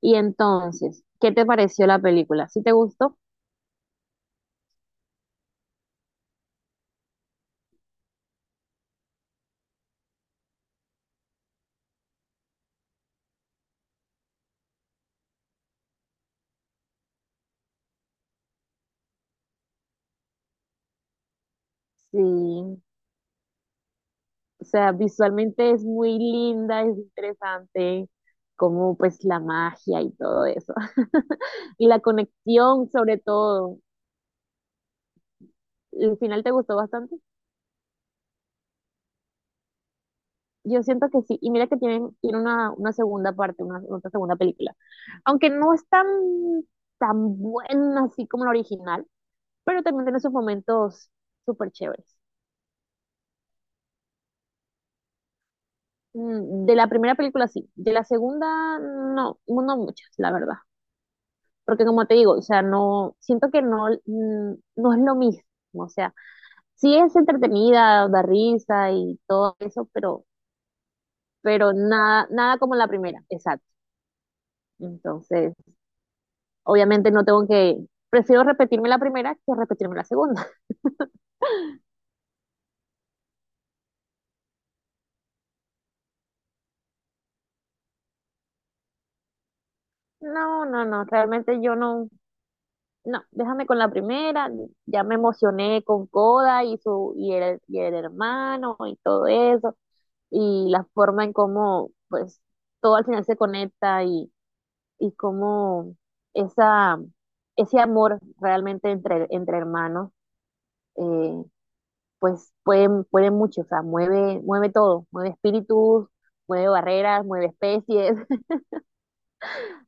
Y entonces, ¿qué te pareció la película? ¿Sí te gustó? Sí, o sea, visualmente es muy linda, es interesante, como pues la magia y todo eso. Y la conexión sobre todo. ¿El final te gustó bastante? Yo siento que sí, y mira que tiene una segunda parte, una, otra segunda película. Aunque no es tan, tan buena así como la original, pero también tiene sus momentos súper chéveres. De la primera película sí, de la segunda no, no muchas, la verdad. Porque como te digo, o sea, no, siento que no, no es lo mismo, o sea, sí es entretenida, da risa y todo eso, pero, nada, nada como la primera, exacto. Entonces. Obviamente no tengo que, prefiero repetirme la primera que repetirme la segunda. No, no, no, realmente yo no, no, déjame con la primera, ya me emocioné con Coda y su, y el hermano y todo eso, y la forma en cómo, pues, todo al final se conecta y, cómo esa, ese amor realmente entre, hermanos, eh, pues puede, mucho, o sea, mueve todo, mueve espíritus, mueve barreras, mueve especies.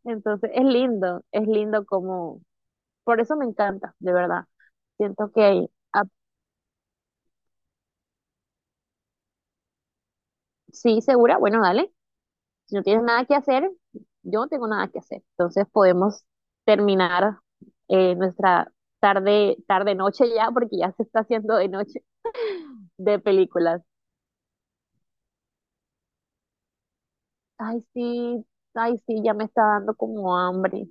Entonces, es lindo como, por eso me encanta, de verdad. Siento que, ah, sí, segura, bueno, dale, si no tienes nada que hacer, yo no tengo nada que hacer. Entonces, podemos terminar nuestra tarde, tarde noche ya, porque ya se está haciendo de noche, de películas. Ay, sí, ay, sí, ya me está dando como hambre.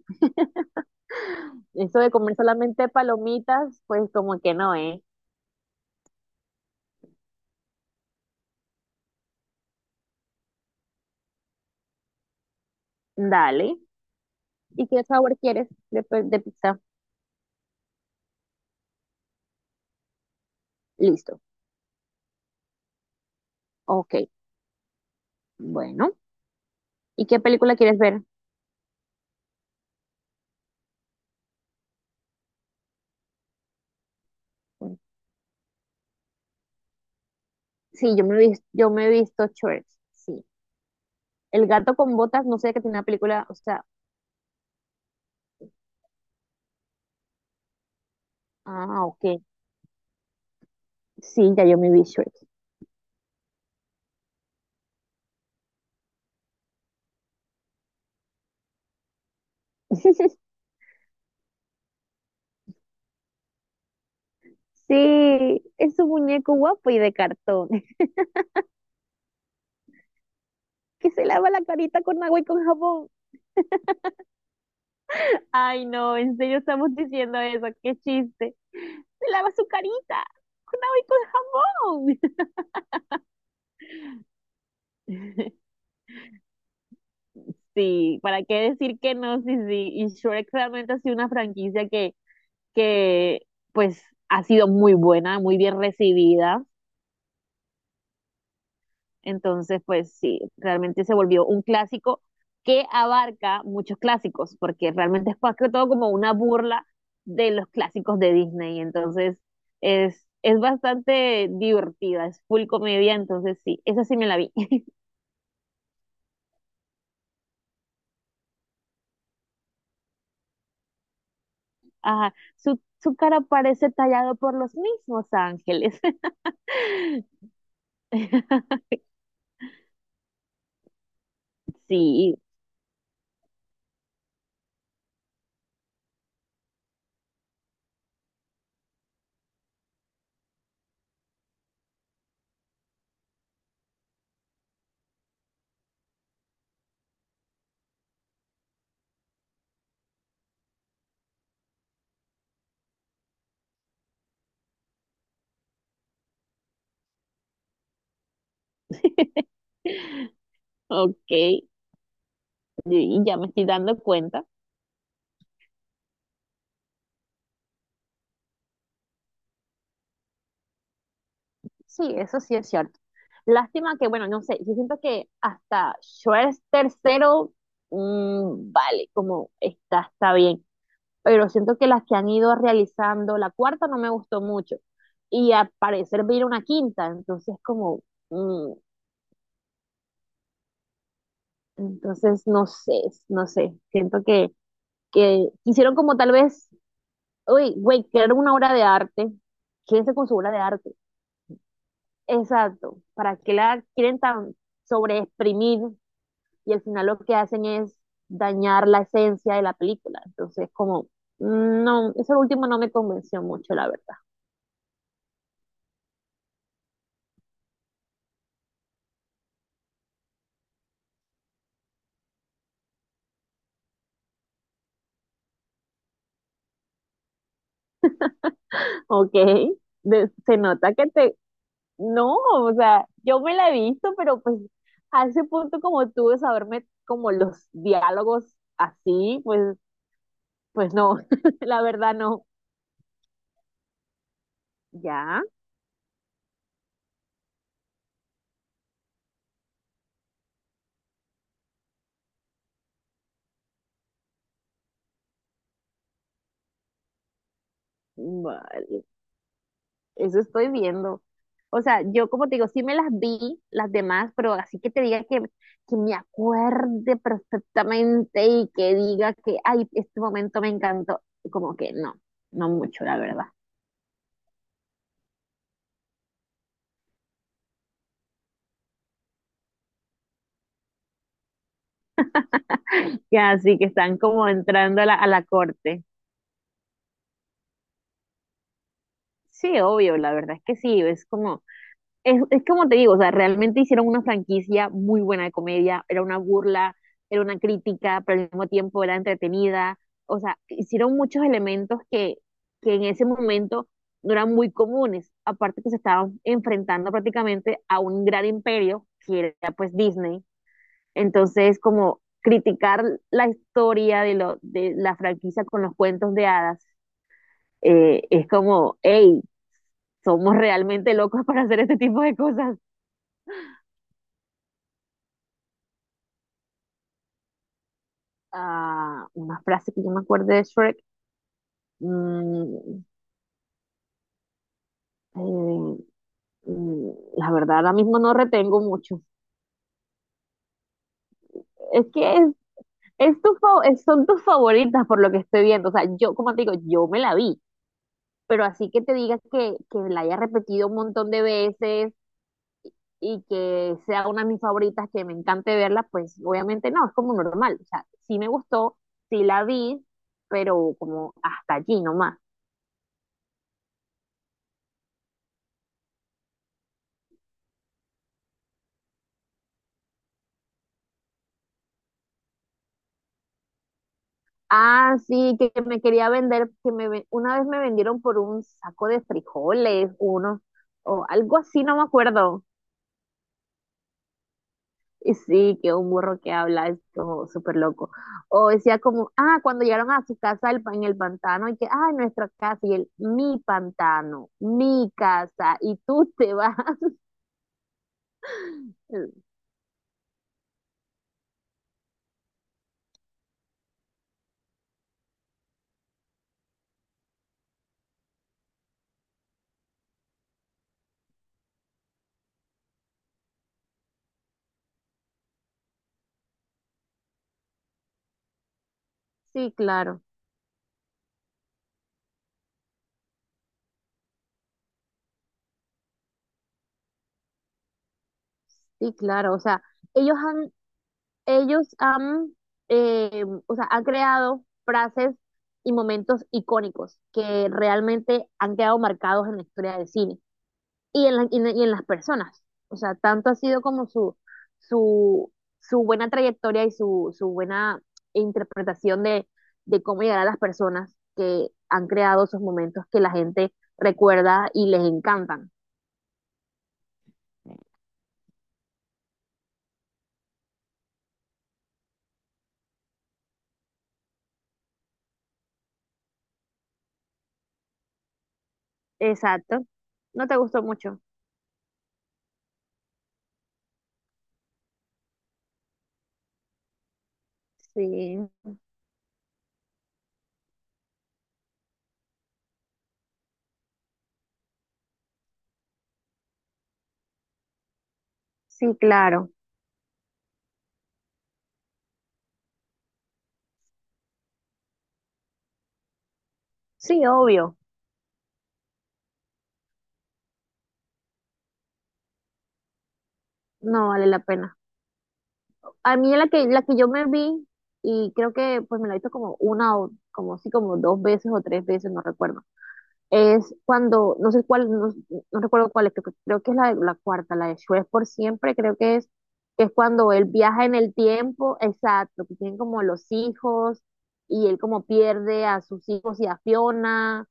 Eso de comer solamente palomitas, pues como que no, ¿eh? Dale. ¿Y qué sabor quieres de, de pizza? Listo. Ok. Bueno, ¿y qué película quieres ver? Sí, yo me he visto Church, sí. El gato con botas, no sé que tiene una película, o sea, ok. Sí, ya yo me vi Shrek. Sí, es un muñeco guapo y de cartón, que se lava la carita con agua y con jabón. Ay, no, en serio estamos diciendo eso, qué chiste. Se lava su carita con agua y con jabón. Sí, ¿para qué decir que no? Sí, sí, y Shrek realmente ha sido una franquicia que pues ha sido muy buena, muy bien recibida. Entonces, pues sí, realmente se volvió un clásico que abarca muchos clásicos, porque realmente es más que todo como una burla de los clásicos de Disney. Entonces, es bastante divertida, es full comedia, entonces sí, esa sí me la vi. Ajá, su cara parece tallado por los mismos ángeles. Sí, ok. Y ya me estoy dando cuenta. Sí, eso sí es cierto. Lástima que, bueno, no sé, yo siento que hasta Schwarz tercero, vale, como está, está bien. Pero siento que las que han ido realizando, la cuarta no me gustó mucho. Y al parecer viene una quinta, entonces como, mm, entonces no sé, no sé. Siento que, hicieron como tal vez, uy, güey, crearon una obra de arte, quédense con su obra de arte. Exacto, ¿para qué la quieren tan sobreexprimir y al final lo que hacen es dañar la esencia de la película? Entonces, como, no, eso último no me convenció mucho, la verdad. Ok, se nota que te, no, o sea, yo me la he visto, pero pues a ese punto como tú de saberme como los diálogos así, pues, no, la verdad no. Ya, vale. Eso estoy viendo. O sea, yo como te digo, sí me las vi, las demás, pero así que te diga que, me acuerde perfectamente y que diga que, ay, este momento me encantó, como que no, no mucho, la verdad. Que así que están como entrando a la corte. Sí, obvio, la verdad es que sí, es como, es como te digo, o sea, realmente hicieron una franquicia muy buena de comedia, era una burla, era una crítica, pero al mismo tiempo era entretenida, o sea, hicieron muchos elementos que en ese momento no eran muy comunes, aparte que se estaban enfrentando prácticamente a un gran imperio, que era pues Disney, entonces como criticar la historia de, lo, de la franquicia con los cuentos de hadas, es como, hey, somos realmente locos para hacer este tipo de cosas. Ah una frase que yo me acuerdo de Shrek. mm, eh, mm, la verdad, ahora mismo no retengo mucho. Es que es, son tus favoritas por lo que estoy viendo. O sea, yo, como te digo, yo me la vi, pero así que te digas que la haya repetido un montón de veces y que sea una de mis favoritas, que me encante verla, pues obviamente no, es como normal. O sea, sí me gustó, sí la vi, pero como hasta allí nomás. Ah, sí, que me quería vender, una vez me vendieron por un saco de frijoles, uno, o algo así, no me acuerdo. Y sí, que un burro que habla es como súper loco. O decía como, cuando llegaron a su casa en el pantano, y que, nuestra casa, y él, mi pantano, mi casa, y tú te vas. Sí, claro, sí, claro. O sea, ellos han ellos han, o sea, han creado frases y momentos icónicos que realmente han quedado marcados en la historia del cine y en, y en las personas. O sea, tanto ha sido como su, su buena trayectoria y su buena interpretación de, cómo llegar a las personas que han creado esos momentos que la gente recuerda y les encantan. Exacto. ¿No te gustó mucho? Sí, sí, claro. Sí, obvio. No vale la pena. A mí la que yo me vi, y creo que pues me la he visto como una o como sí, como dos veces o tres veces, no recuerdo. Es cuando, no sé cuál, no, no recuerdo cuál es, creo que es la, cuarta, la de Shrek por siempre, creo que es cuando él viaja en el tiempo, exacto, que tienen como los hijos, y él como pierde a sus hijos y a Fiona.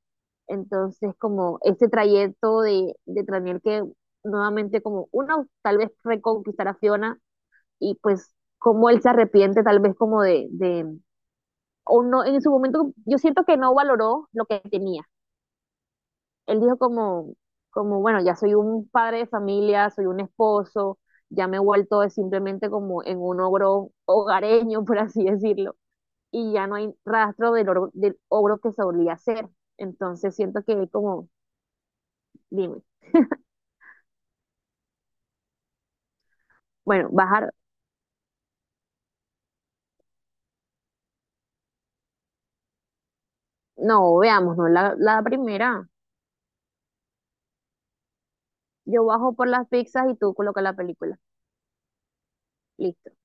Entonces, como ese trayecto de, tener que nuevamente como una, tal vez reconquistar a Fiona y pues cómo él se arrepiente tal vez como o no, en su momento yo siento que no valoró lo que tenía. Él dijo como, como, bueno, ya soy un padre de familia, soy un esposo, ya me he vuelto de simplemente como en un ogro hogareño, por así decirlo, y ya no hay rastro del, del ogro que solía ser. Entonces siento que él como, dime, bueno, bajar, no, veamos, no, la, primera, yo bajo por las pizzas y tú colocas la película, listo.